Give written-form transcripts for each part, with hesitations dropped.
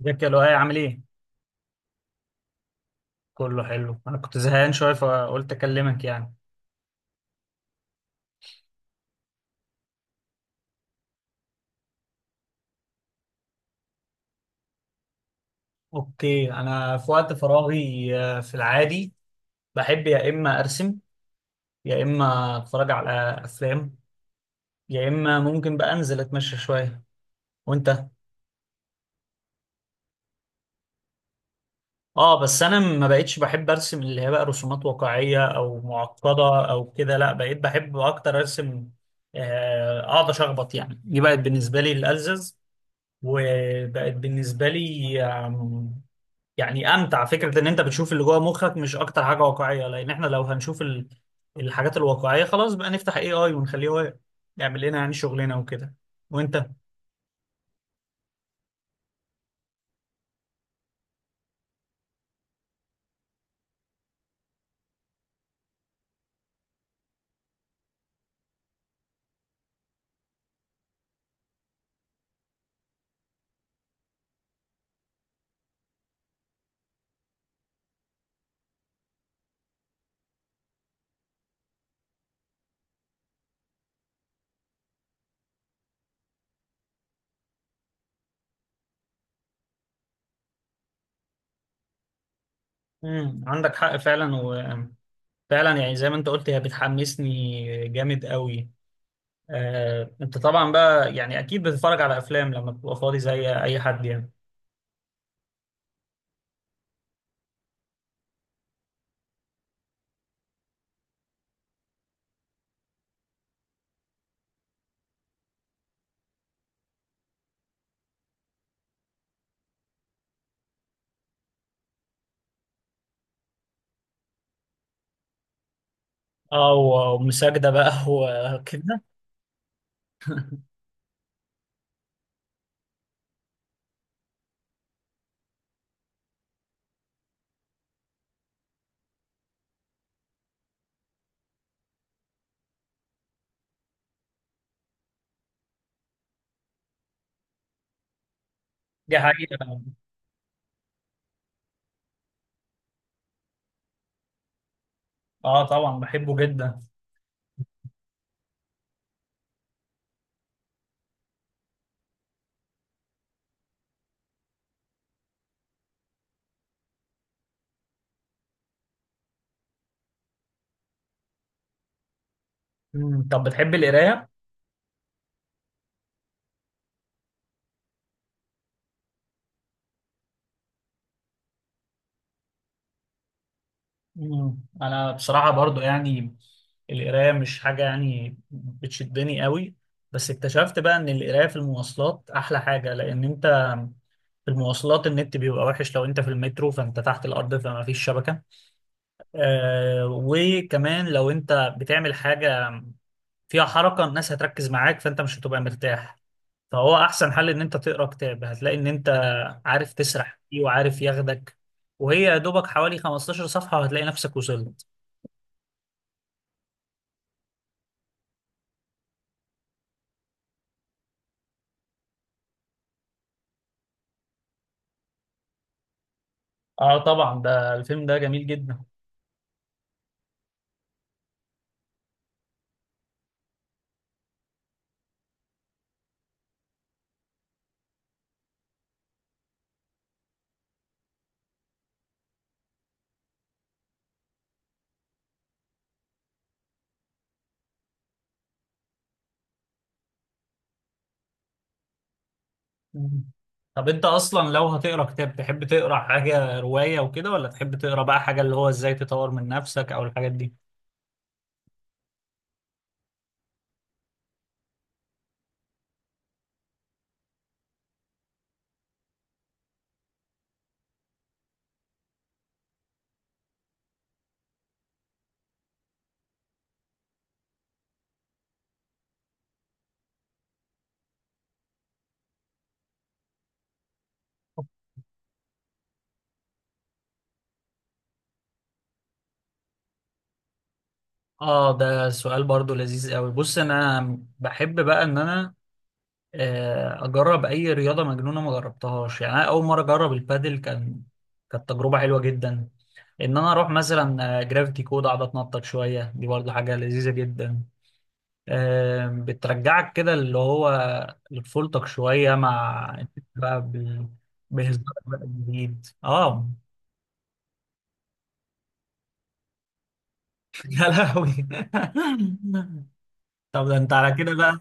ازيك يا لؤي؟ عامل ايه؟ كله حلو. انا كنت زهقان شويه فقلت اكلمك يعني. اوكي، انا في وقت فراغي، في العادي بحب يا اما ارسم، يا اما اتفرج على افلام، يا اما ممكن بقى انزل اتمشى شويه. وانت؟ اه بس انا ما بقتش بحب ارسم اللي هي بقى رسومات واقعيه او معقده او كده، لا بقيت بحب اكتر ارسم، اقعد اشخبط يعني. دي بقت بالنسبه لي الالزز، وبقت بالنسبه لي يعني امتع فكره ان انت بتشوف اللي جوه مخك، مش اكتر حاجه واقعيه، لان احنا لو هنشوف الحاجات الواقعيه خلاص بقى نفتح اي اي ونخليه هو يعمل لنا يعني شغلنا وكده. وانت؟ عندك حق فعلا وفعلا، يعني زي ما انت قلت هي بتحمسني جامد قوي. انت طبعا بقى يعني اكيد بتتفرج على افلام لما بتبقى فاضي زي اي حد يعني. اه ومساجدة بقى وكده. دي حقيقة. اه طبعا بحبه جدا. طب بتحب القراية؟ مم. انا بصراحه برضو يعني القرايه مش حاجه يعني بتشدني قوي، بس اكتشفت بقى ان القرايه في المواصلات احلى حاجه، لان انت في المواصلات النت بيبقى وحش، لو انت في المترو فانت تحت الارض فما فيش شبكه. وكمان لو انت بتعمل حاجه فيها حركه، الناس هتركز معاك فانت مش هتبقى مرتاح، فهو احسن حل ان انت تقرا كتاب، هتلاقي ان انت عارف تسرح فيه وعارف ياخدك، وهي يا دوبك حوالي 15 صفحه وهتلاقي نفسك وصلت. اه طبعا، ده الفيلم ده جميل جدا. مم. طب انت اصلا لو هتقرا كتاب تحب تقرا حاجه روايه وكده، ولا تحب تقرا بقى حاجه اللي هو ازاي تطور من نفسك او الحاجات دي؟ اه، ده سؤال برضو لذيذ قوي. بص، انا بحب بقى ان انا اجرب اي رياضه مجنونه ما جربتهاش يعني. انا اول مره اجرب البادل، كانت تجربه حلوه جدا. ان انا اروح مثلا جرافيتي كود اقعد اتنطط شويه، دي برضو حاجه لذيذه جدا. بترجعك كده اللي هو لطفولتك شوية. مع انت بقى بهزارك بقى الجديد. اه يا لهوي. طب ده انت على كده بقى.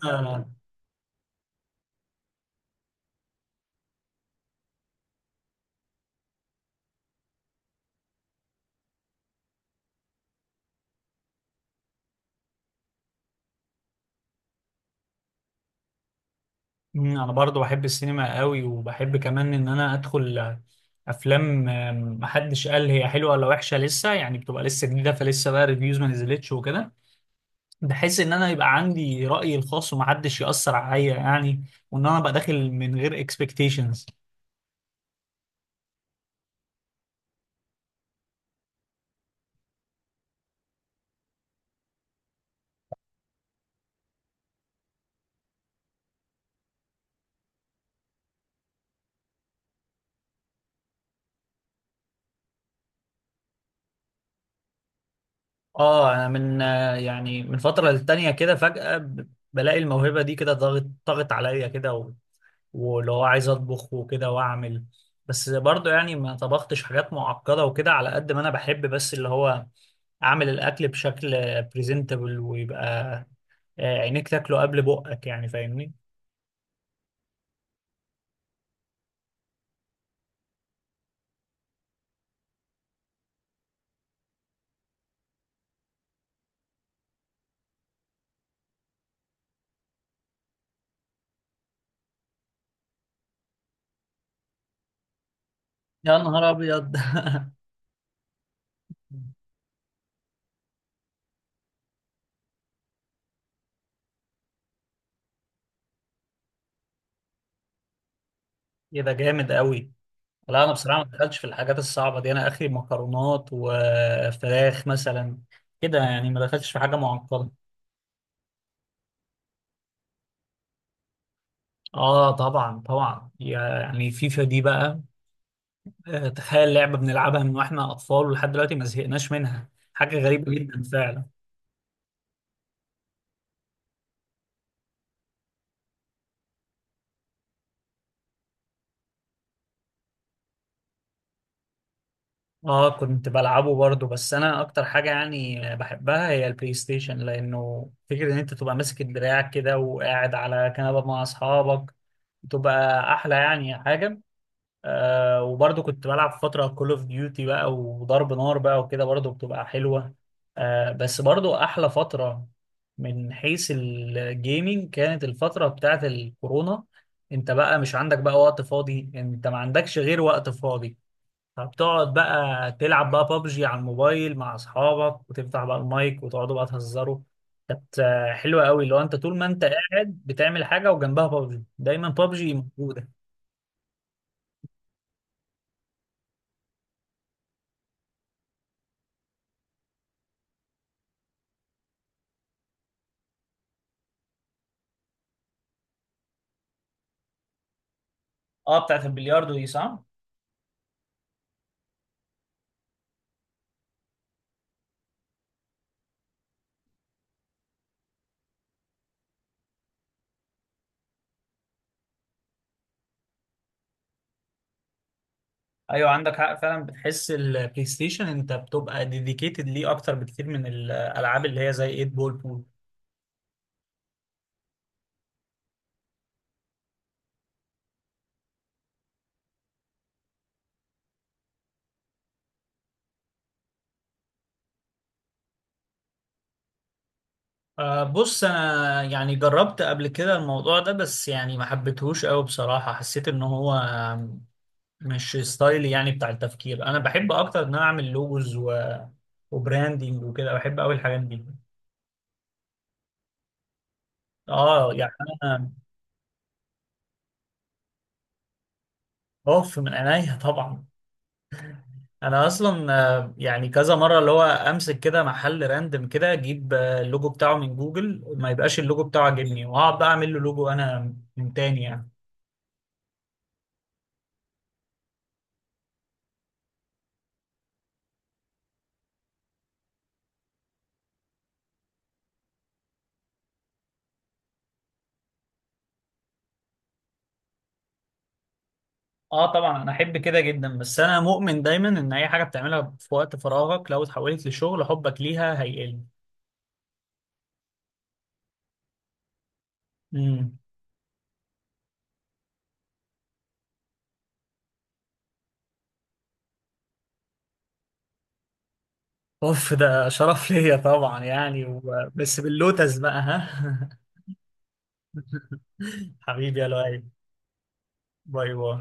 انا برضو بحب السينما قوي، وبحب كمان ان انا ادخل افلام محدش قال هي حلوه ولا وحشه، لسه يعني بتبقى لسه جديده فلسه بقى ريفيوز ما نزلتش وكده. بحس ان انا يبقى عندي رايي الخاص ومحدش ياثر عليا يعني، وان انا ابقى داخل من غير expectations. اه انا من يعني من فتره للتانيه كده فجاه بلاقي الموهبه دي كده ضاغط ضاغط عليا كده، واللي هو عايز اطبخ وكده واعمل. بس برضه يعني ما طبختش حاجات معقده وكده، على قد ما انا بحب بس اللي هو اعمل الاكل بشكل بريزنتبل، ويبقى عينيك تاكله قبل بقك يعني، فاهمني؟ يا نهار ابيض كده جامد قوي. لا انا بصراحه ما دخلتش في الحاجات الصعبه دي، انا اخري مكرونات وفراخ مثلا كده، يعني ما دخلتش في حاجه معقده. اه طبعا طبعا، يعني فيفا دي بقى، تخيل لعبة بنلعبها من واحنا اطفال ولحد دلوقتي ما زهقناش منها، حاجة غريبة جدا فعلا. اه كنت بلعبه برضو، بس انا اكتر حاجة يعني بحبها هي البلاي ستيشن، لانه فكرة ان انت تبقى ماسك الدراع كده وقاعد على كنبة مع اصحابك، بتبقى احلى يعني حاجة. وبرضه كنت بلعب فترة كول اوف ديوتي بقى وضرب نار بقى وكده، برضه بتبقى حلوة. بس برضه أحلى فترة من حيث الجيمنج كانت الفترة بتاعت الكورونا. انت بقى مش عندك بقى وقت فاضي، انت ما عندكش غير وقت فاضي، فبتقعد بقى تلعب بقى بابجي على الموبايل مع اصحابك، وتفتح بقى المايك وتقعدوا بقى تهزروا. كانت حلوة قوي. لو انت طول ما انت قاعد بتعمل حاجة وجنبها بابجي، دايما بابجي موجودة. اه بتاعت البلياردو دي صح؟ ايوه عندك حق فعلا، بتحس البلاي ستيشن انت بتبقى ديديكيتد ليه اكتر بكتير من الالعاب اللي هي زي 8 بول بول. بص انا يعني جربت قبل كده الموضوع ده، بس يعني ما حبيتهوش قوي بصراحة، حسيت ان هو مش ستايلي يعني بتاع التفكير. انا بحب اكتر ان انا اعمل لوجوز، وبراندينج وكده، بحب قوي الحاجات دي. اه يعني. انا اوف من عينيا طبعا. انا اصلا يعني كذا مره اللي هو امسك كده محل راندم كده، اجيب اللوجو بتاعه من جوجل ما يبقاش اللوجو بتاعه عاجبني، واقعد بقى اعمل له لوجو انا من تاني يعني. اه طبعا انا احب كده جدا، بس انا مؤمن دايما ان اي حاجه بتعملها في وقت فراغك لو اتحولت لشغل حبك ليها هيقل. امم اوف، ده شرف ليا طبعا يعني، بس باللوتس بقى ها. حبيبي يا لؤي. باي باي.